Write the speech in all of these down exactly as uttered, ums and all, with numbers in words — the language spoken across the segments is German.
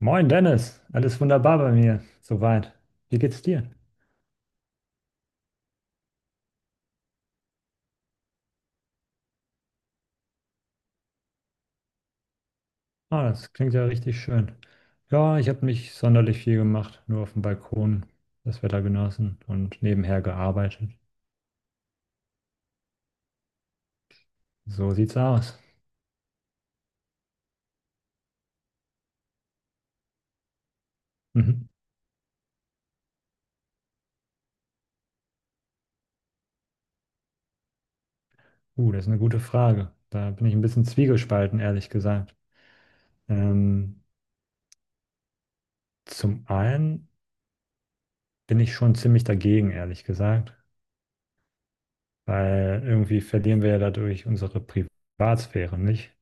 Moin Dennis, alles wunderbar bei mir, soweit. Wie geht's dir? Ah, das klingt ja richtig schön. Ja, ich habe nicht sonderlich viel gemacht, nur auf dem Balkon das Wetter genossen und nebenher gearbeitet. So sieht's aus. Mhm. Uh, das ist eine gute Frage. Da bin ich ein bisschen zwiegespalten, ehrlich gesagt. Ähm, Zum einen bin ich schon ziemlich dagegen, ehrlich gesagt, weil irgendwie verlieren wir ja dadurch unsere Privatsphäre, nicht?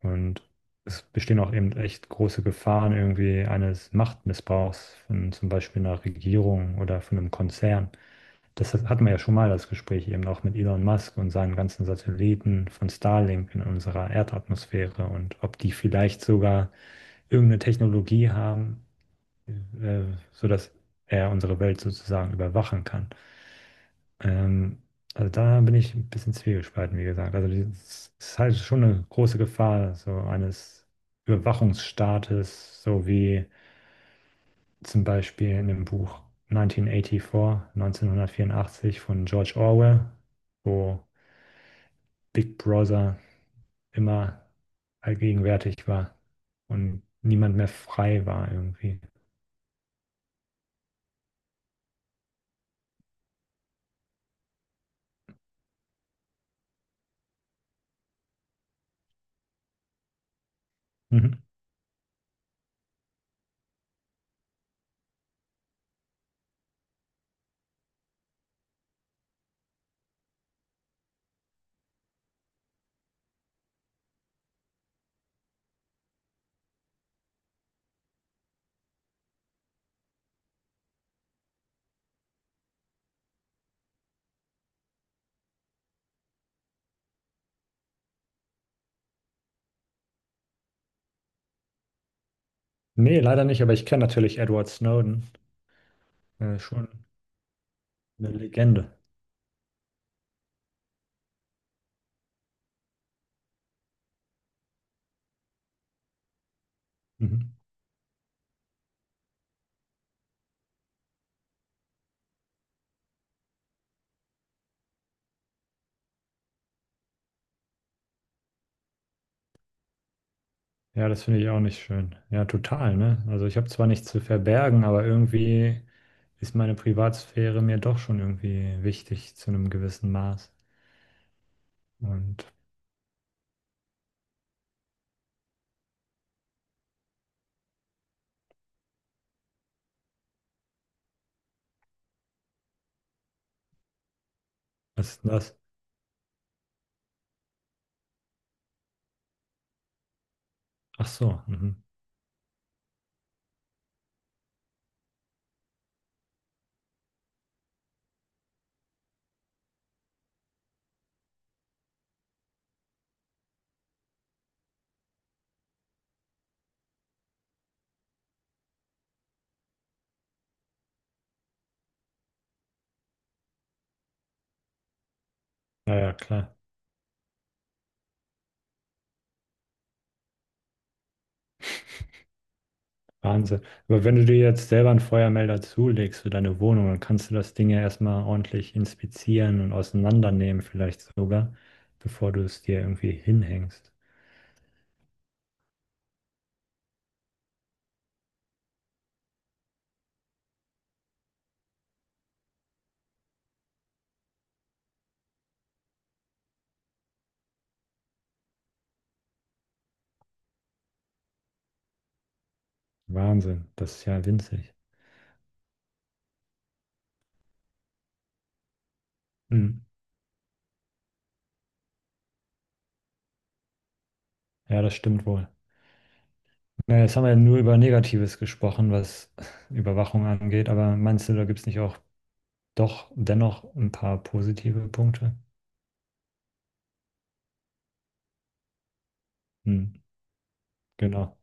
Und es bestehen auch eben echt große Gefahren irgendwie eines Machtmissbrauchs von zum Beispiel einer Regierung oder von einem Konzern. Das hatten wir ja schon mal das Gespräch eben auch mit Elon Musk und seinen ganzen Satelliten von Starlink in unserer Erdatmosphäre und ob die vielleicht sogar irgendeine Technologie haben, äh, sodass er unsere Welt sozusagen überwachen kann. Ähm, also da bin ich ein bisschen zwiegespalten, wie gesagt. Also es ist halt schon eine große Gefahr so eines Überwachungsstaates, so wie zum Beispiel in dem Buch neunzehnhundertvierundachtzig, neunzehnhundertvierundachtzig von George Orwell, wo Big Brother immer allgegenwärtig war und niemand mehr frei war irgendwie. Mhm. Nee, leider nicht, aber ich kenne natürlich Edward Snowden, äh, schon eine Legende. Mhm. Ja, das finde ich auch nicht schön. Ja, total, ne? Also ich habe zwar nichts zu verbergen, aber irgendwie ist meine Privatsphäre mir doch schon irgendwie wichtig zu einem gewissen Maß. Und was ist denn das? Ach so, mhm. Naja, klar. Wahnsinn. Aber wenn du dir jetzt selber einen Feuermelder zulegst für deine Wohnung, dann kannst du das Ding ja erstmal ordentlich inspizieren und auseinandernehmen, vielleicht sogar, bevor du es dir irgendwie hinhängst. Wahnsinn, das ist ja winzig. Mhm. Ja, das stimmt wohl. Ja, jetzt haben wir ja nur über Negatives gesprochen, was Überwachung angeht, aber meinst du, da gibt es nicht auch doch dennoch ein paar positive Punkte? Hm, genau.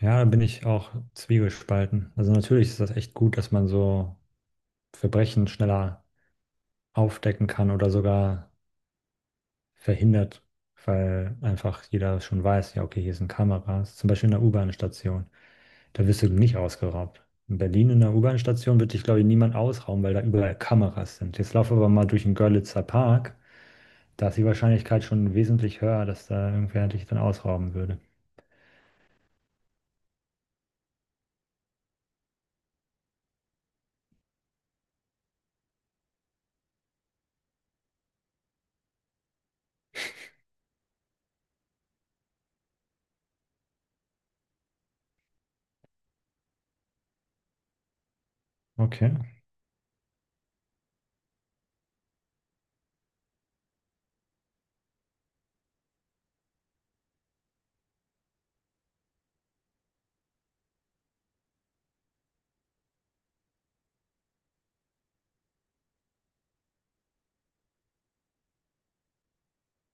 Ja, da bin ich auch zwiegespalten. Also natürlich ist das echt gut, dass man so Verbrechen schneller aufdecken kann oder sogar verhindert, weil einfach jeder schon weiß, ja, okay, hier sind Kameras, zum Beispiel in der U-Bahn-Station. Da wirst du nicht ausgeraubt. In Berlin in der U-Bahn-Station wird dich, glaube ich, niemand ausrauben, weil da überall Kameras sind. Jetzt laufe aber mal durch den Görlitzer Park. Da ist die Wahrscheinlichkeit schon wesentlich höher, dass da irgendwer dich dann ausrauben würde. Okay.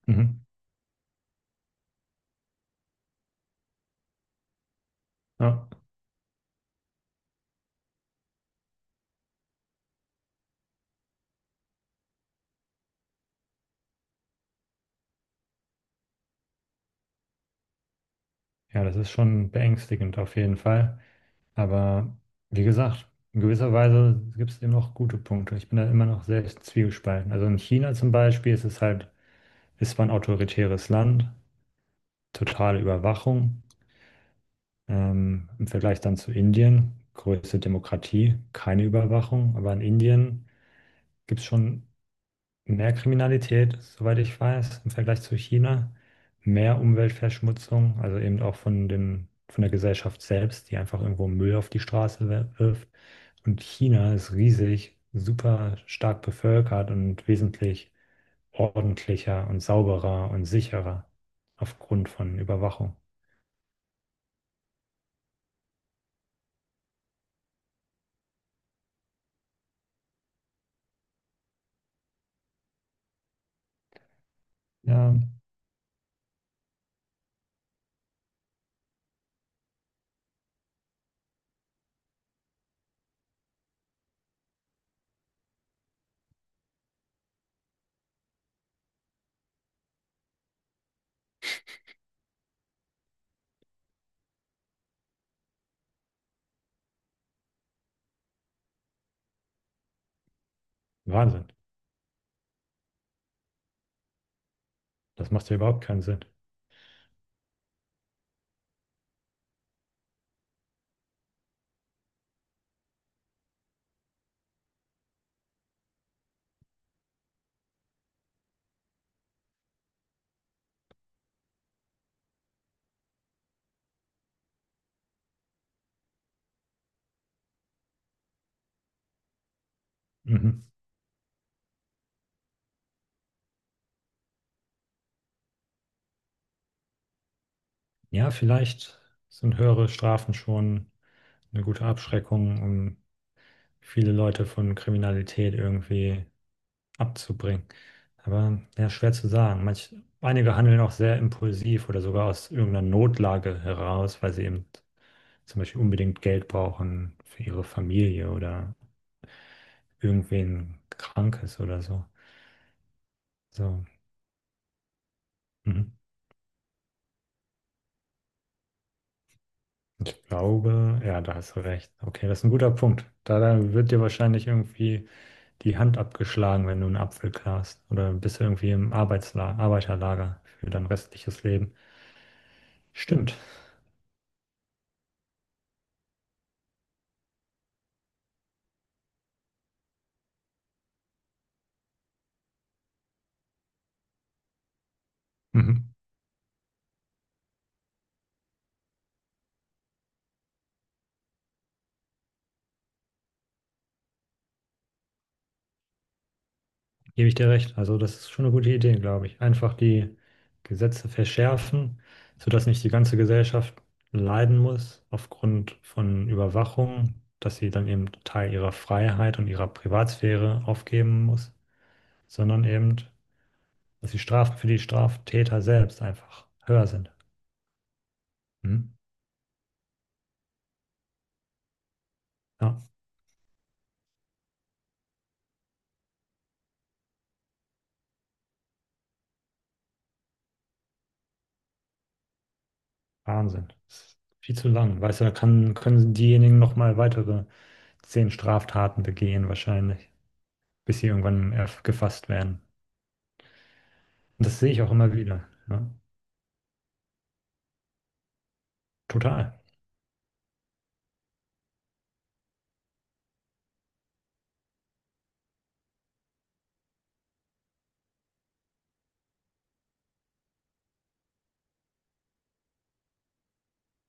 Mhm. Ja. Ja, das ist schon beängstigend auf jeden Fall. Aber wie gesagt, in gewisser Weise gibt es eben noch gute Punkte. Ich bin da immer noch sehr zwiegespalten. Also in China zum Beispiel ist es halt, ist zwar ein autoritäres Land, totale Überwachung. Ähm, im Vergleich dann zu Indien, größte Demokratie, keine Überwachung, aber in Indien gibt es schon mehr Kriminalität, soweit ich weiß, im Vergleich zu China, mehr Umweltverschmutzung, also eben auch von dem, von der Gesellschaft selbst, die einfach irgendwo Müll auf die Straße wer- wirft. Und China ist riesig, super stark bevölkert und wesentlich ordentlicher und sauberer und sicherer aufgrund von Überwachung. Ja, Wahnsinn. Das macht ja überhaupt keinen Sinn. Mhm. Ja, vielleicht sind höhere Strafen schon eine gute Abschreckung, um viele Leute von Kriminalität irgendwie abzubringen. Aber ja, schwer zu sagen. Manch, einige handeln auch sehr impulsiv oder sogar aus irgendeiner Notlage heraus, weil sie eben zum Beispiel unbedingt Geld brauchen für ihre Familie oder irgendwen Krankes oder so. So, mhm. Ich glaube, ja, da hast du recht. Okay, das ist ein guter Punkt. Da, da wird dir wahrscheinlich irgendwie die Hand abgeschlagen, wenn du einen Apfel klarst. Oder bist du irgendwie im Arbeitsla Arbeiterlager für dein restliches Leben. Stimmt. Mhm. Gebe ich dir recht. Also das ist schon eine gute Idee, glaube ich. Einfach die Gesetze verschärfen, sodass nicht die ganze Gesellschaft leiden muss aufgrund von Überwachung, dass sie dann eben Teil ihrer Freiheit und ihrer Privatsphäre aufgeben muss, sondern eben, dass die Strafen für die Straftäter selbst einfach höher sind. Mhm. Ja. Wahnsinn. Das ist viel zu lang. Weißt du, da kann, können diejenigen noch mal weitere zehn Straftaten begehen, wahrscheinlich, bis sie irgendwann erf- gefasst werden. Und das sehe ich auch immer wieder. Ja? Total.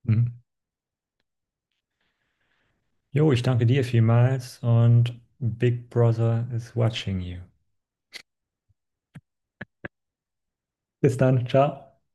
Mhm. Jo, ich danke dir vielmals und Big Brother is watching you. Bis dann. Ciao.